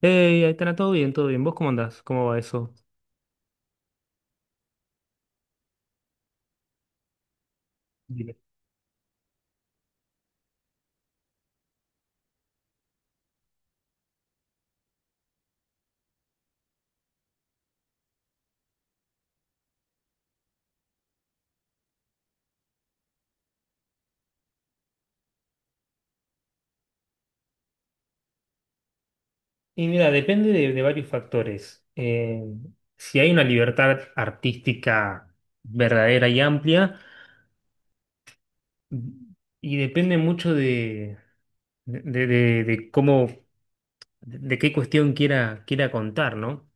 Hey, ahí está todo bien, todo bien. ¿Vos cómo andás? ¿Cómo va eso? Mira, mira, depende de varios factores. Si hay una libertad artística verdadera y amplia, y depende mucho de cómo, de qué cuestión quiera contar, ¿no?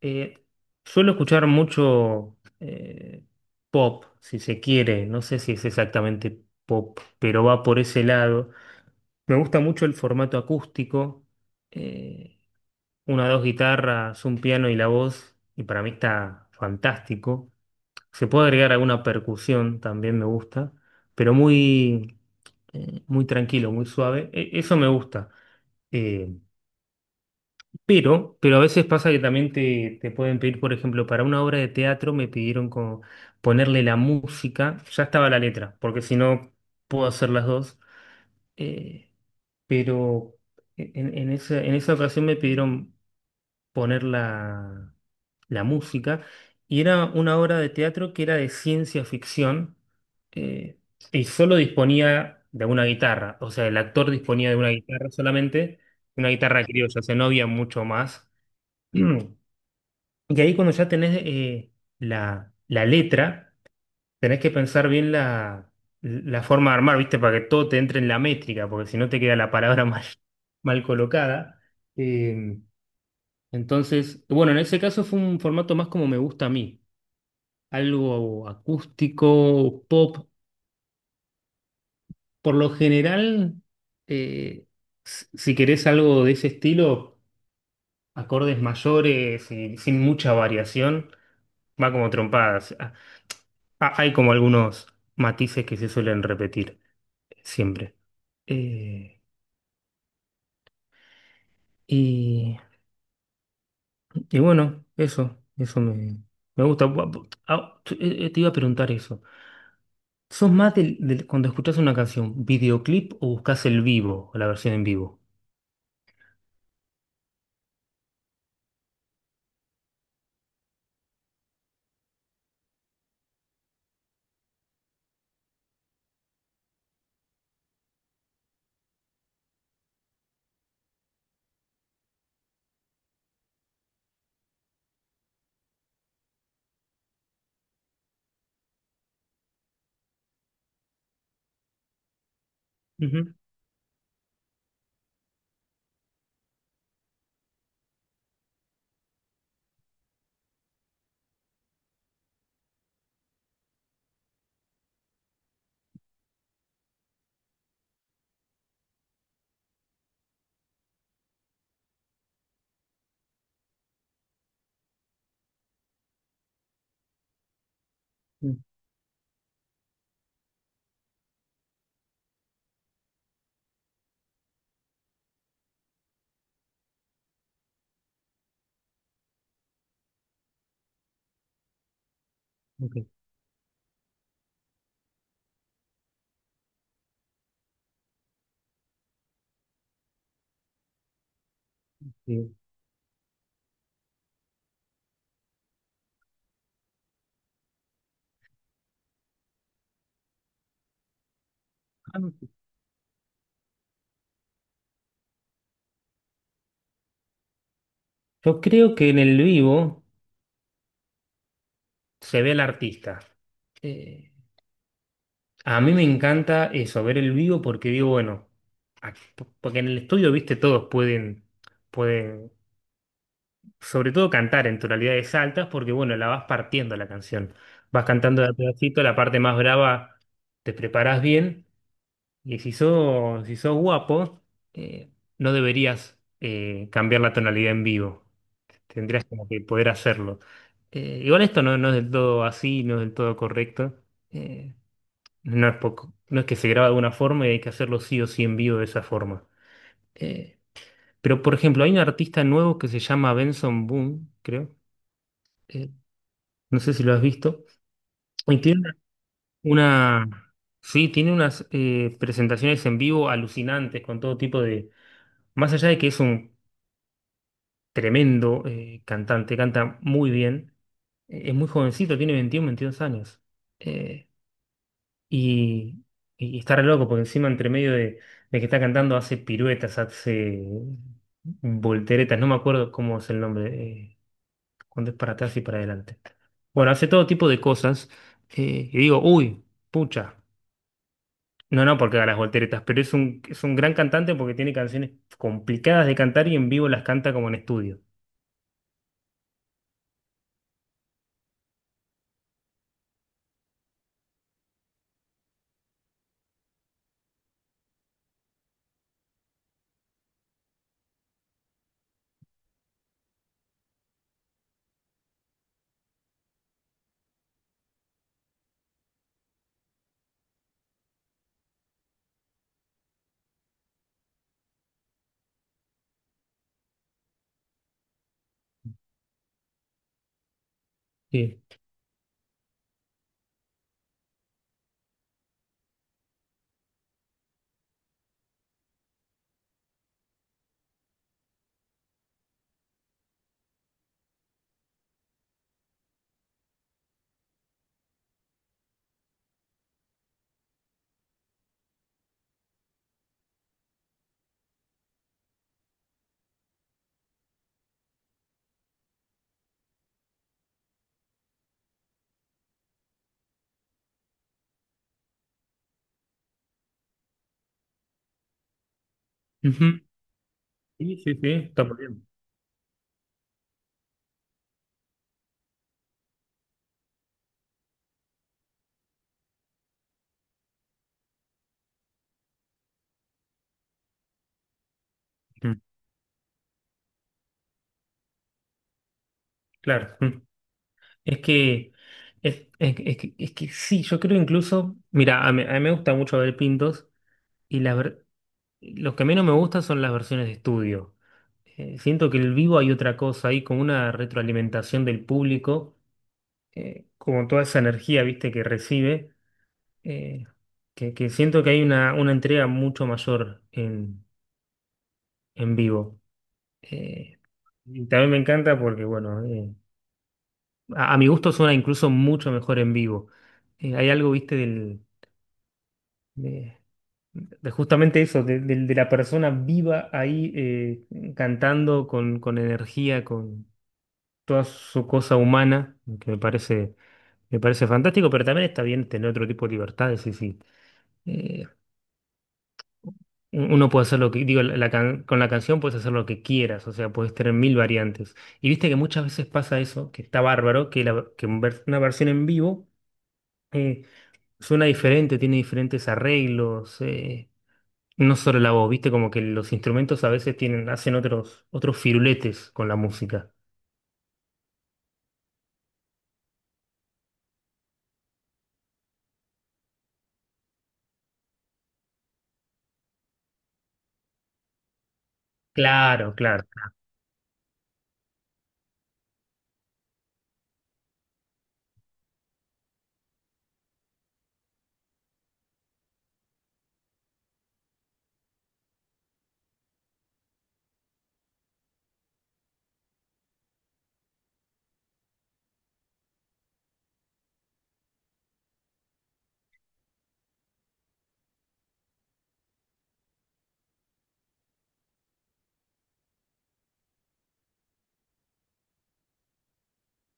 Eh, suelo escuchar mucho pop, si se quiere. No sé si es exactamente pop, pero va por ese lado. Me gusta mucho el formato acústico. eh, una o dos guitarras, un piano y la voz, y para mí está fantástico. Se puede agregar alguna percusión, también me gusta, pero muy tranquilo, muy suave. Eso me gusta. Eh, pero a veces pasa que también te pueden pedir, por ejemplo, para una obra de teatro me pidieron como ponerle la música, ya estaba la letra, porque si no puedo hacer las dos. Eh, pero en esa ocasión me pidieron poner la música, y era una obra de teatro que era de ciencia ficción, eh, y solo disponía de una guitarra, o sea, el actor disponía de una guitarra solamente, una guitarra criolla, o sea, no había mucho más. Y ahí cuando ya tenés la letra, tenés que pensar bien la forma de armar, ¿viste? Para que todo te entre en la métrica, porque si no te queda la palabra mal, mal colocada. Eh, entonces, bueno, en ese caso fue un formato más como me gusta a mí, algo acústico, pop. Por lo general, eh, si querés algo de ese estilo, acordes mayores y sin mucha variación, va como trompadas. Hay como algunos matices que se suelen repetir siempre. Eh, y, y bueno, eso me gusta. Te iba a preguntar eso. ¿Sos más del, cuando escuchás una canción, videoclip, o buscás el vivo, o la versión en vivo? Ujú, mm, ok, bien. Ah, ok. Yo creo que en el vivo se ve al artista. Eh, a mí me encanta eso, ver el vivo, porque digo, bueno, porque en el estudio, viste, todos pueden, sobre todo cantar en tonalidades altas, porque bueno, la vas partiendo la canción. Vas cantando de a pedacito, la parte más brava te preparás bien, y si sos guapo, eh, no deberías cambiar la tonalidad en vivo. Tendrías como que poder hacerlo. Igual esto no es del todo así, no es del todo correcto. Eh, no es poco, no es que se graba de una forma y hay que hacerlo sí o sí en vivo de esa forma. Eh, pero, por ejemplo, hay un artista nuevo que se llama Benson Boone, creo. eh, No sé si lo has visto. Y tiene una, sí, tiene unas presentaciones en vivo alucinantes con todo tipo de... Más allá de que es un tremendo cantante, canta muy bien, es muy jovencito, tiene 21, 22 años. Eh, y, y está re loco, porque encima entre medio de que está cantando hace piruetas, hace volteretas, no me acuerdo cómo es el nombre, eh, cuando es para atrás y para adelante. Bueno, hace todo tipo de cosas. Y digo, uy, pucha. No, no, porque da las volteretas, pero es un gran cantante porque tiene canciones complicadas de cantar y en vivo las canta como en estudio. Sí. Ujú. Sí, sí, sí, está muy bien. Ujú. Claro. Ujú. Es que, es que sí, yo creo incluso, mira, a mí me gusta mucho ver Pintos, y la ver- los que menos me gustan son las versiones de estudio. Siento que en el vivo hay otra cosa, hay como una retroalimentación del público, como toda esa energía, viste, que recibe, eh, que siento que hay una entrega mucho mayor en vivo. Eh, y también me encanta porque, bueno, a mi gusto suena incluso mucho mejor en vivo. Hay algo, viste, de, de justamente eso, de la persona viva ahí cantando con energía, con toda su cosa humana, me parece fantástico, pero también está bien tener otro tipo de libertades, sí, sí. Eh, Uno puede hacer lo que, digo, con la canción puedes hacer lo que quieras, o sea, puedes tener mil variantes. Y viste que muchas veces pasa eso, que está bárbaro, que una versión en vivo eh, suena diferente, tiene diferentes arreglos, no solo la voz, viste, como que los instrumentos a veces hacen otros firuletes con la música. Claro, claro.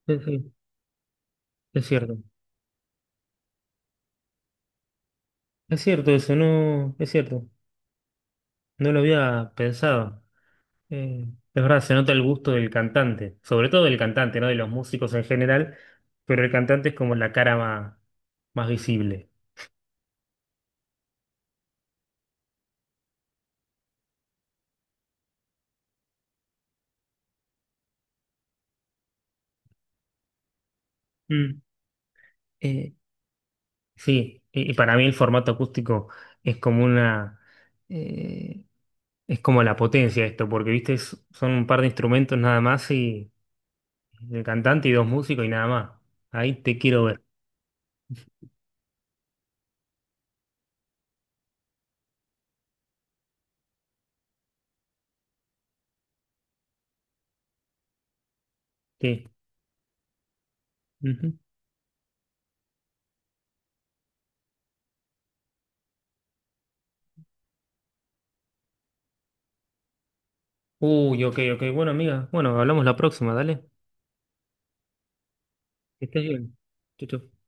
Sí, sí, es cierto. Es cierto eso, no, es cierto. No lo había pensado. Eh, es verdad, se nota el gusto del cantante, sobre todo del cantante, no de los músicos en general, pero el cantante es como la cara más, más visible. Mm. Eh, sí, y para mí el formato acústico es como una, eh, es como la potencia de esto, porque viste, son un par de instrumentos nada más y el cantante y dos músicos y nada más. Ahí te quiero ver. Sí. Ujú. Uy, ok, ok. Bueno, amiga, bueno, hablamos la próxima, dale. Que estés bien. Chau, chau.